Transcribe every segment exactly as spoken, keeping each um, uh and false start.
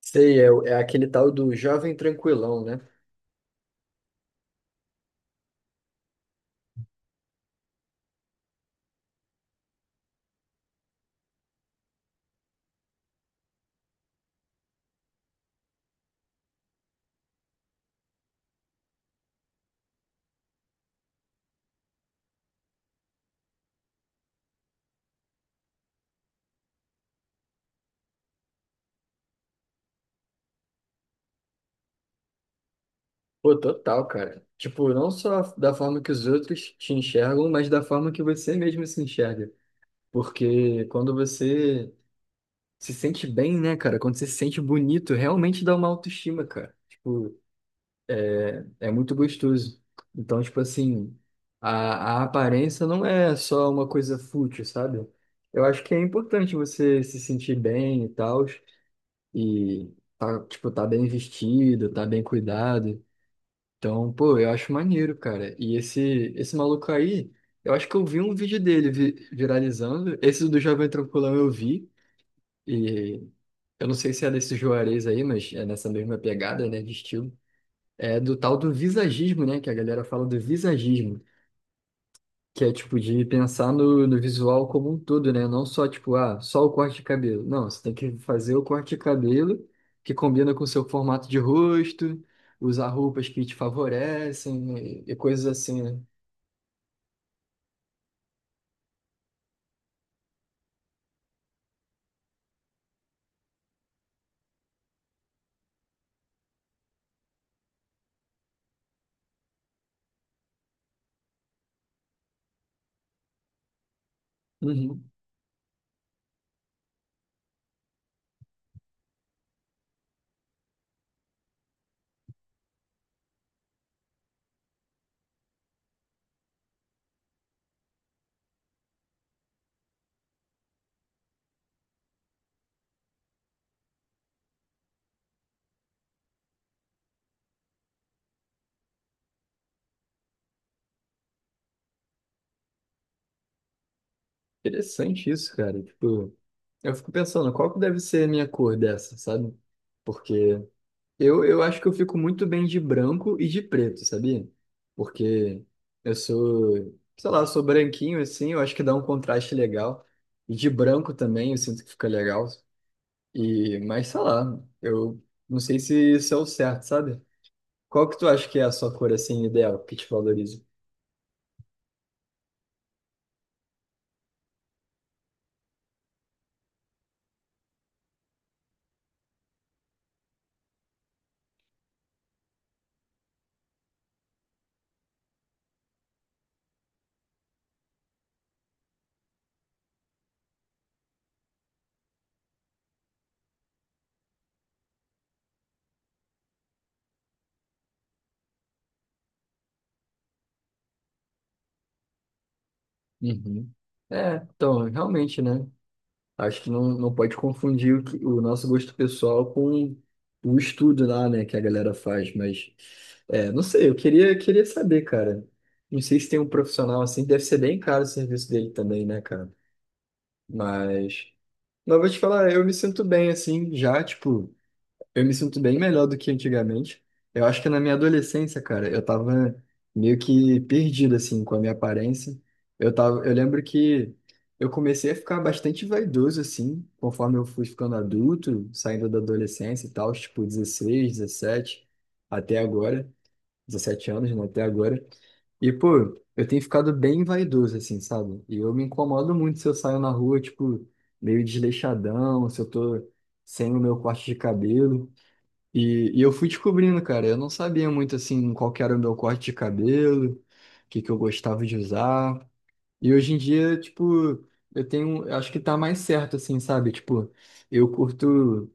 Sei, é, o- é aquele tal do jovem tranquilão, né? Pô, total, cara. Tipo, não só da forma que os outros te enxergam, mas da forma que você mesmo se enxerga. Porque quando você se sente bem, né, cara? Quando você se sente bonito, realmente dá uma autoestima, cara. Tipo, é muito gostoso. Então, tipo assim, a, a aparência não é só uma coisa fútil, sabe? Eu acho que é importante você se sentir bem e tal. E tá, tipo, tá bem vestido, tá bem cuidado. Então, pô, eu acho maneiro, cara. E esse esse maluco aí, eu acho que eu vi um vídeo dele vi- viralizando. Esse do Jovem Tranquilão eu vi. E eu não sei se é desse Juarez aí, mas é nessa mesma pegada, né, de estilo. É do tal do visagismo, né, que a galera fala do visagismo. Que é tipo de pensar no, no visual como um todo, né? Não só tipo, ah, só o corte de cabelo. Não, você tem que fazer o corte de cabelo que combina com o seu formato de rosto, usar roupas que te favorecem e, e coisas assim, né? Uhum. Interessante isso, cara. Tipo, eu fico pensando, qual que deve ser a minha cor dessa, sabe? Porque Eu, eu acho que eu fico muito bem de branco e de preto, sabia? Porque eu sou, sei lá, eu sou branquinho assim, eu acho que dá um contraste legal. E de branco também, eu sinto que fica legal. E, mas sei lá, eu não sei se isso é o certo, sabe? Qual que tu acha que é a sua cor assim ideal, que te valoriza? Uhum. É, então, realmente, né? Acho que não, não pode confundir o, que- o nosso gosto pessoal com o estudo lá, né, que a galera faz, mas é, não sei, eu queria, queria saber, cara. Não sei se tem um profissional assim, deve ser bem caro o serviço dele também, né, cara? Mas, mas eu vou te falar, eu me sinto bem assim, já, tipo. Eu me sinto bem melhor do que antigamente. Eu acho que na minha adolescência, cara, eu tava meio que perdido, assim, com a minha aparência. Eu tava, eu lembro que eu comecei a ficar bastante vaidoso, assim, conforme eu fui ficando adulto, saindo da adolescência e tal, tipo dezesseis, dezessete, até agora, dezessete anos, né, até agora. E, pô, eu tenho ficado bem vaidoso, assim, sabe? E eu me incomodo muito se eu saio na rua, tipo, meio desleixadão, se eu tô sem o meu corte de cabelo. E, e eu fui descobrindo, cara. Eu não sabia muito assim qual que era o meu corte de cabelo, o que que eu gostava de usar. E hoje em dia, tipo, eu tenho, eu acho que tá mais certo assim, sabe? Tipo, eu curto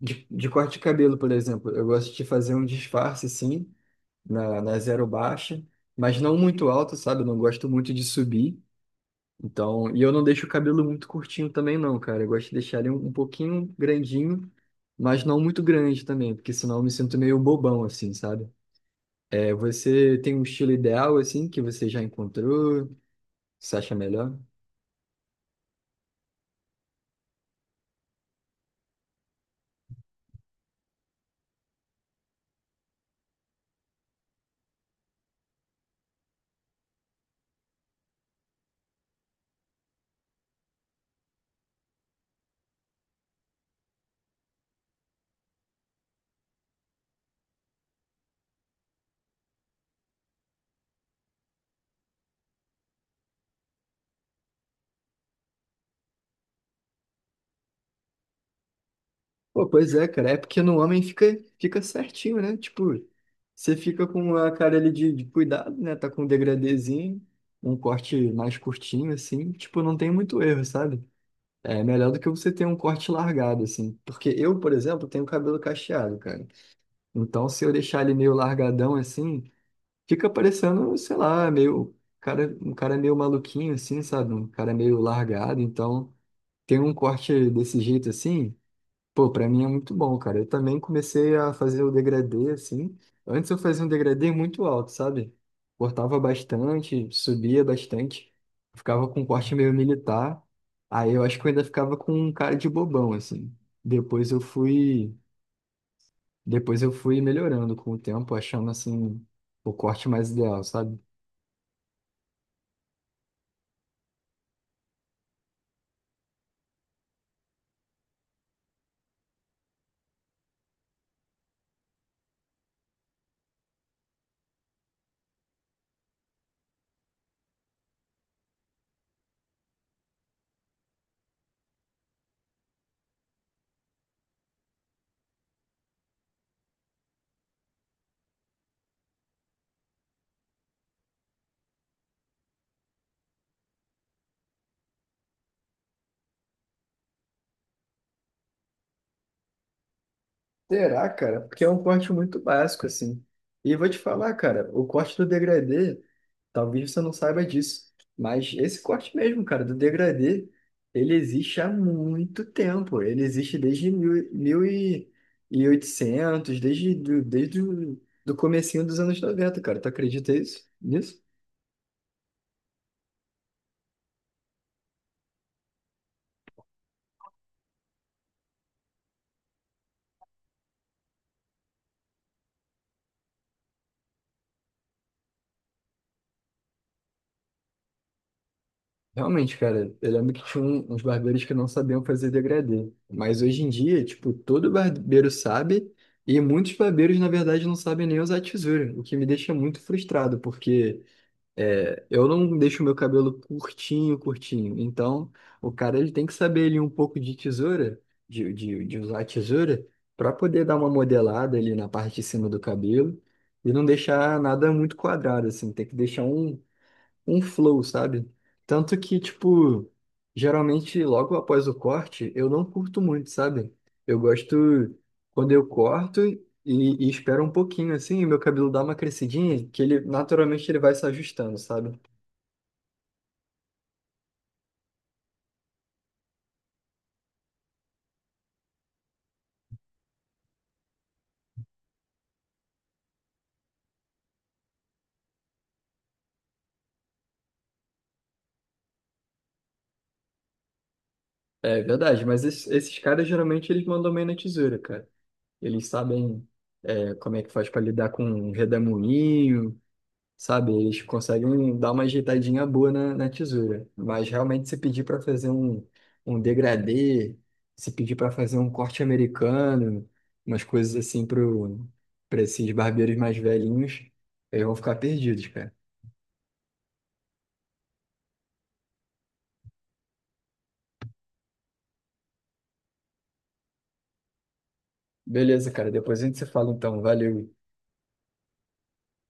de, de corte de cabelo, por exemplo. Eu gosto de fazer um disfarce assim na, na zero baixa, mas não muito alto, sabe? Eu não gosto muito de subir. Então, e eu não deixo o cabelo muito curtinho também, não, cara. Eu gosto de deixar ele um, um pouquinho grandinho, mas não muito grande também, porque senão eu me sinto meio bobão, assim, sabe? É, você tem um estilo ideal, assim, que você já encontrou, que você acha melhor? Pô, pois é, cara. É porque no homem fica, fica certinho, né? Tipo, você fica com a cara ali de, de cuidado, né? Tá com um degradêzinho, um corte mais curtinho, assim. Tipo, não tem muito erro, sabe? É melhor do que você ter um corte largado, assim. Porque eu, por exemplo, tenho cabelo cacheado, cara. Então, se eu deixar ele meio largadão, assim, fica parecendo, sei lá, meio... Cara, um cara meio maluquinho, assim, sabe? Um cara meio largado. Então, ter um corte desse jeito, assim, pô, pra mim é muito bom, cara. Eu também comecei a fazer o degradê, assim. Antes eu fazia um degradê muito alto, sabe? Cortava bastante, subia bastante. Ficava com um corte meio militar. Aí eu acho que eu ainda ficava com um cara de bobão, assim. Depois eu fui, depois eu fui melhorando com o tempo, achando, assim, o corte mais ideal, sabe? Será, cara? Porque é um corte muito básico, assim. E vou te falar, cara, o corte do degradê, talvez você não saiba disso, mas esse corte mesmo, cara, do degradê, ele existe há muito tempo. Ele existe desde mil, mil e- e mil e oitocentos, desde, do- desde o do comecinho dos anos noventa, cara. Tu acredita isso, nisso? Realmente, cara, eu lembro que tinha um- uns barbeiros que não sabiam fazer degradê. Mas hoje em dia, tipo, todo barbeiro sabe e muitos barbeiros, na verdade, não sabem nem usar tesoura, o que me deixa muito frustrado, porque é, eu não deixo meu cabelo curtinho, curtinho. Então, o cara ele tem que saber ali um pouco de tesoura, de, de, de usar a tesoura, para poder dar uma modelada ali na parte de cima do cabelo e não deixar nada muito quadrado, assim. Tem que deixar um um flow, sabe? Tanto que, tipo, geralmente logo após o corte, eu não curto muito, sabe? Eu gosto quando eu corto e, e espero um pouquinho, assim, e meu cabelo dá uma crescidinha, que ele naturalmente ele vai se ajustando, sabe? É verdade, mas es- esses caras geralmente eles mandam bem na tesoura, cara. Eles sabem é, como é que faz pra lidar com um redemoinho, sabe? Eles conseguem dar uma ajeitadinha boa na, na tesoura. Mas realmente, se pedir para fazer um, um degradê, se pedir para fazer um corte americano, umas coisas assim pro, para esses barbeiros mais velhinhos, eles vão ficar perdidos, cara. Beleza, cara. Depois a gente se fala então. Valeu.